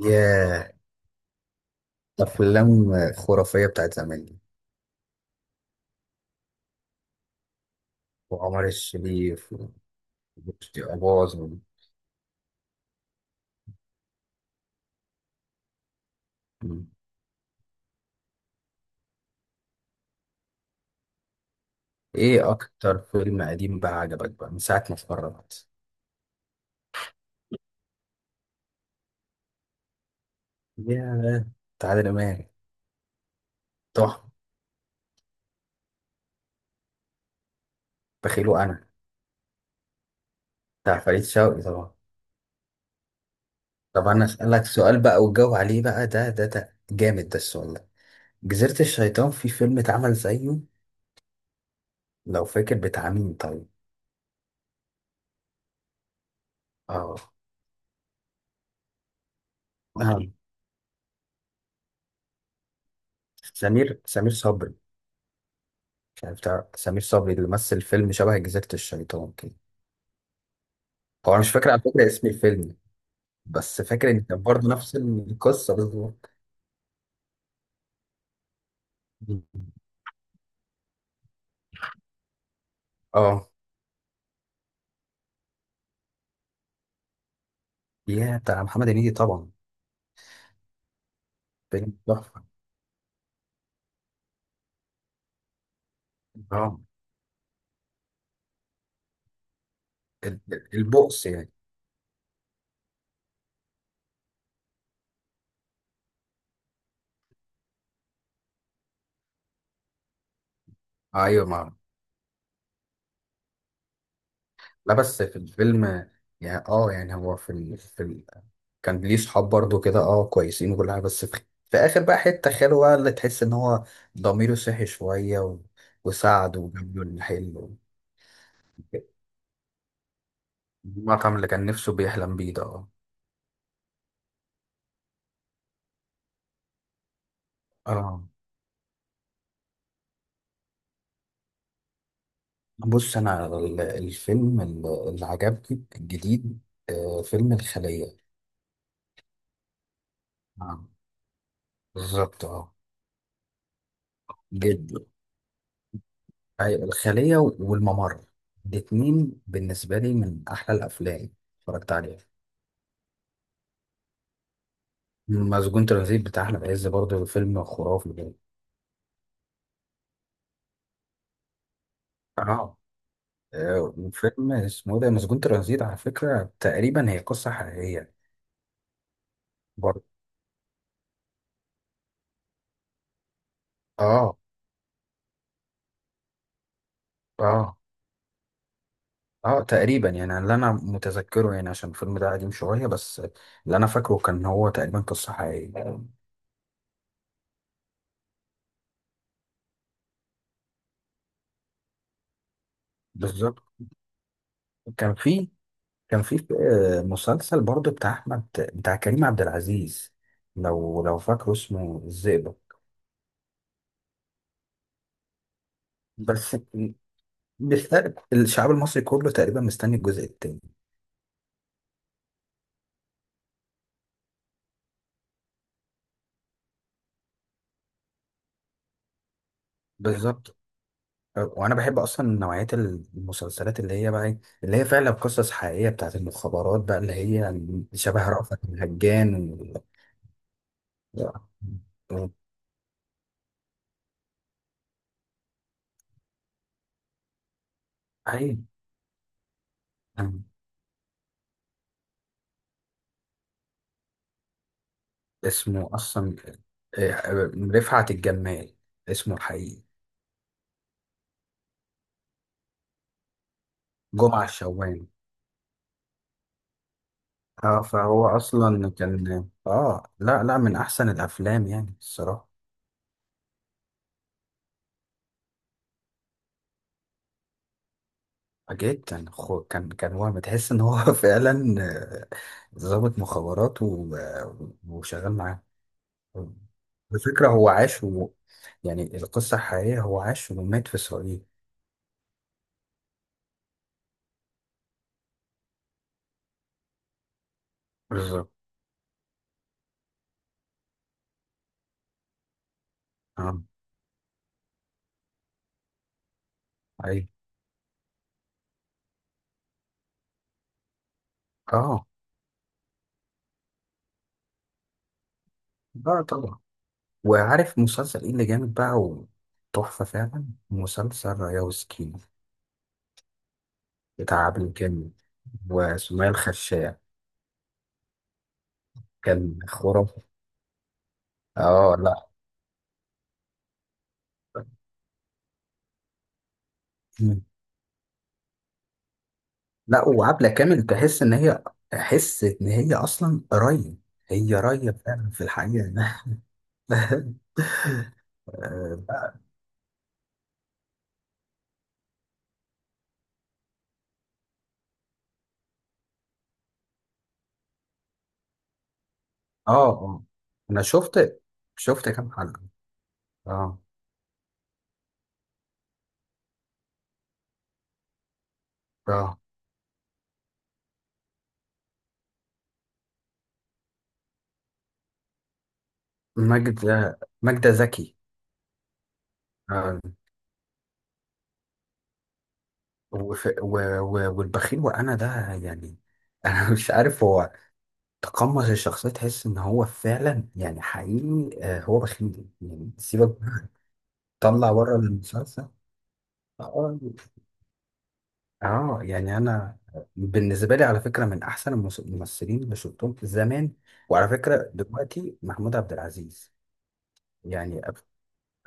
يا، أفلام خرافية بتاعت زمان دي. وعمر الشريف. وبوشتي أباظ. م. إيه أكتر فيلم قديم بقى عجبك بقى من ساعة ما اتفرجت؟ يا تعالى إمام، تحفة. بخيله أنا. بتاع فريد شوقي طبعا. طب أنا أسألك سؤال بقى وتجاوب عليه بقى، ده جامد ده السؤال ده. جزيرة الشيطان، في فيلم اتعمل زيه لو فاكر بتاع مين طيب؟ آه. آه. سمير صبري. يعني بتاع سمير صبري اللي مثل فيلم شبه جزيرة الشيطان كده. هو أنا مش فاكر على فكرة اسم الفيلم، بس فاكر إن كان برضه نفس القصة بالظبط. اه. يا بتاع محمد هنيدي طبعا. فيلم تحفة. اه، البؤس يعني. ايوه ما. لا، بس في الفيلم يعني اه يعني هو كان ليه صحاب برضه كده اه كويسين وكل حاجة، في آخر بقى حتة خاله بقى اللي تحس إن هو ضميره صحي شوية وساعده وجاب له الحلو. المطعم اللي كان نفسه بيحلم بيه ده اه. آه. بص انا الفيلم اللي عجبني الجديد، فيلم الخلية. آه. بالظبط اه. جد؟ أيوة، الخلية والممر، الاتنين بالنسبة لي من أحلى الأفلام اتفرجت عليها. مسجون ترانزيت بتاع أحمد عز برضه فيلم خرافي ده. اه. وفيلم اسمه ده مسجون ترانزيت على فكرة تقريبا هي قصة حقيقية. برضه. اه. اه. اه تقريبا، يعني اللي انا متذكره يعني عشان الفيلم ده قديم شويه، بس اللي انا فاكره كان هو تقريبا قصه حقيقيه. بالظبط. كان في كان في آه، مسلسل برضه بتاع احمد، بتاع كريم عبد العزيز، لو فاكره اسمه الزئبق. بس بيستقبل الشعب المصري كله تقريبا مستني الجزء التاني. بالظبط. وانا بحب اصلا نوعيه المسلسلات اللي هي بقى إيه، اللي هي فعلا قصص حقيقيه بتاعت المخابرات بقى اللي هي شبه رأفت الهجان. لا. أي. اسمه أصلا آه، رفعت الجمال، اسمه الحقيقي. جمعة الشوام. اه فهو أصلا كان اه، لا، من أحسن الأفلام يعني الصراحة. جدا. كان هو بتحس إن هو فعلا ضابط مخابرات و... وشغال معاه. الفكرة هو عاش و... يعني القصة الحقيقية هو عاش ومات في إسرائيل. بالظبط. اه. أي. اه لا طبعا. وعارف مسلسل ايه اللي جامد بقى وتحفة فعلا؟ مسلسل رياوسكي بتاع عبد الكامل وسمية الخشاب. كان خرافي. اه. لا. مم. لا، وعبلة كامل تحس ان هي اصلا راية، هي راية فعلا في الحقيقة اه. اه. انا شفت كام حلقة. اه. اه. ماجدة زكي. آه. والبخيل وانا ده يعني انا مش عارف هو تقمص الشخصيه، تحس ان هو فعلا يعني حقيقي آه، هو بخيل يعني سيبك. طلع بره المسلسل. اه. آه، يعني انا بالنسبه لي على فكره من احسن الممثلين اللي شفتهم في زمان. وعلى فكره دلوقتي محمود عبد العزيز. يعني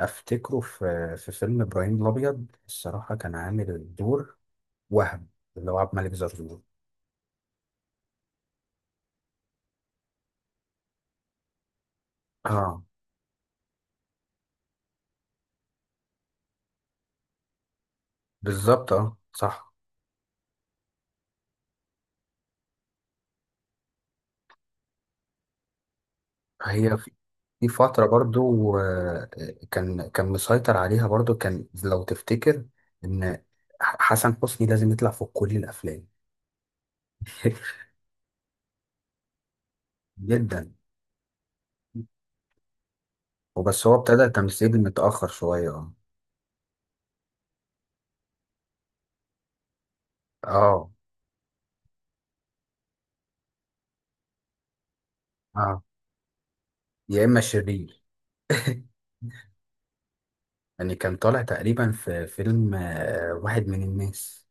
افتكره في فيلم ابراهيم الابيض الصراحه كان عامل الدور. وهم. اللي هو عبد الملك زرزور. اه. بالظبط اه صح. هي في فترة برضو آه، كان مسيطر عليها برضو كان لو تفتكر ان حسن حسني لازم يطلع في كل الافلام جدا. وبس هو ابتدى تمثيل متأخر شوية اه. اه اه. يا اما شرير يعني كان طالع تقريبا في فيلم واحد من الناس.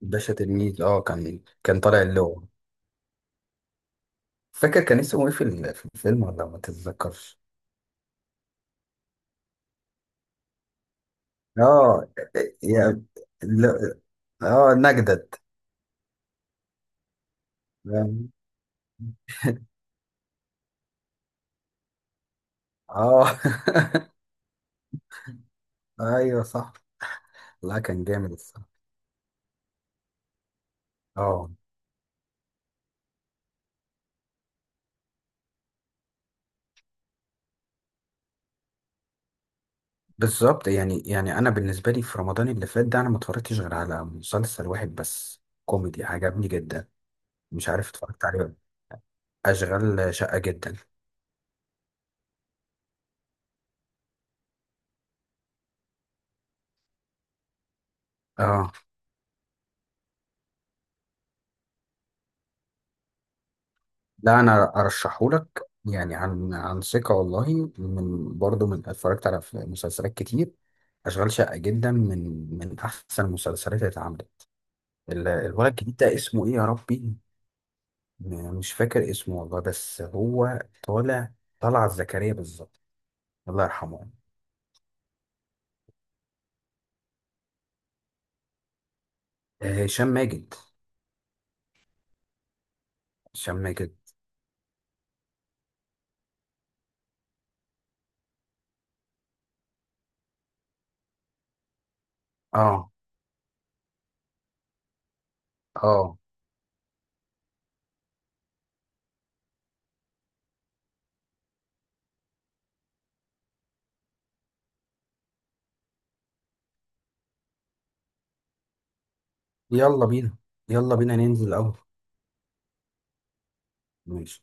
باشا تلميذ اه، كان طالع اللغة. فاكر كان اسمه ايه في في الفيلم ولا ما تتذكرش؟ اه يعني. ل- اه نجدد. فاهم؟ اه ايوه صح. لا كان جامد الصراحه. اه بالظبط. يعني انا بالنسبه لي في رمضان اللي فات ده انا ما اتفرجتش غير على مسلسل واحد بس كوميدي عجبني جدا. مش عارف اتفرجت عليه ولا. لأ. اشغال شقه جدا. اه. لا انا ارشحهولك يعني، عن ثقه والله، من برضه من اتفرجت على مسلسلات كتير، اشغال شقه جدا من احسن المسلسلات اللي اتعملت. الولد الجديد ده اسمه ايه يا ربي؟ مش فاكر اسمه والله، بس هو طالع. طلعت زكريا بالظبط. الله يرحمه. آه، هشام ماجد. هشام ماجد. اه اه. يلا بينا. يلا بينا ننزل الاول. ماشي.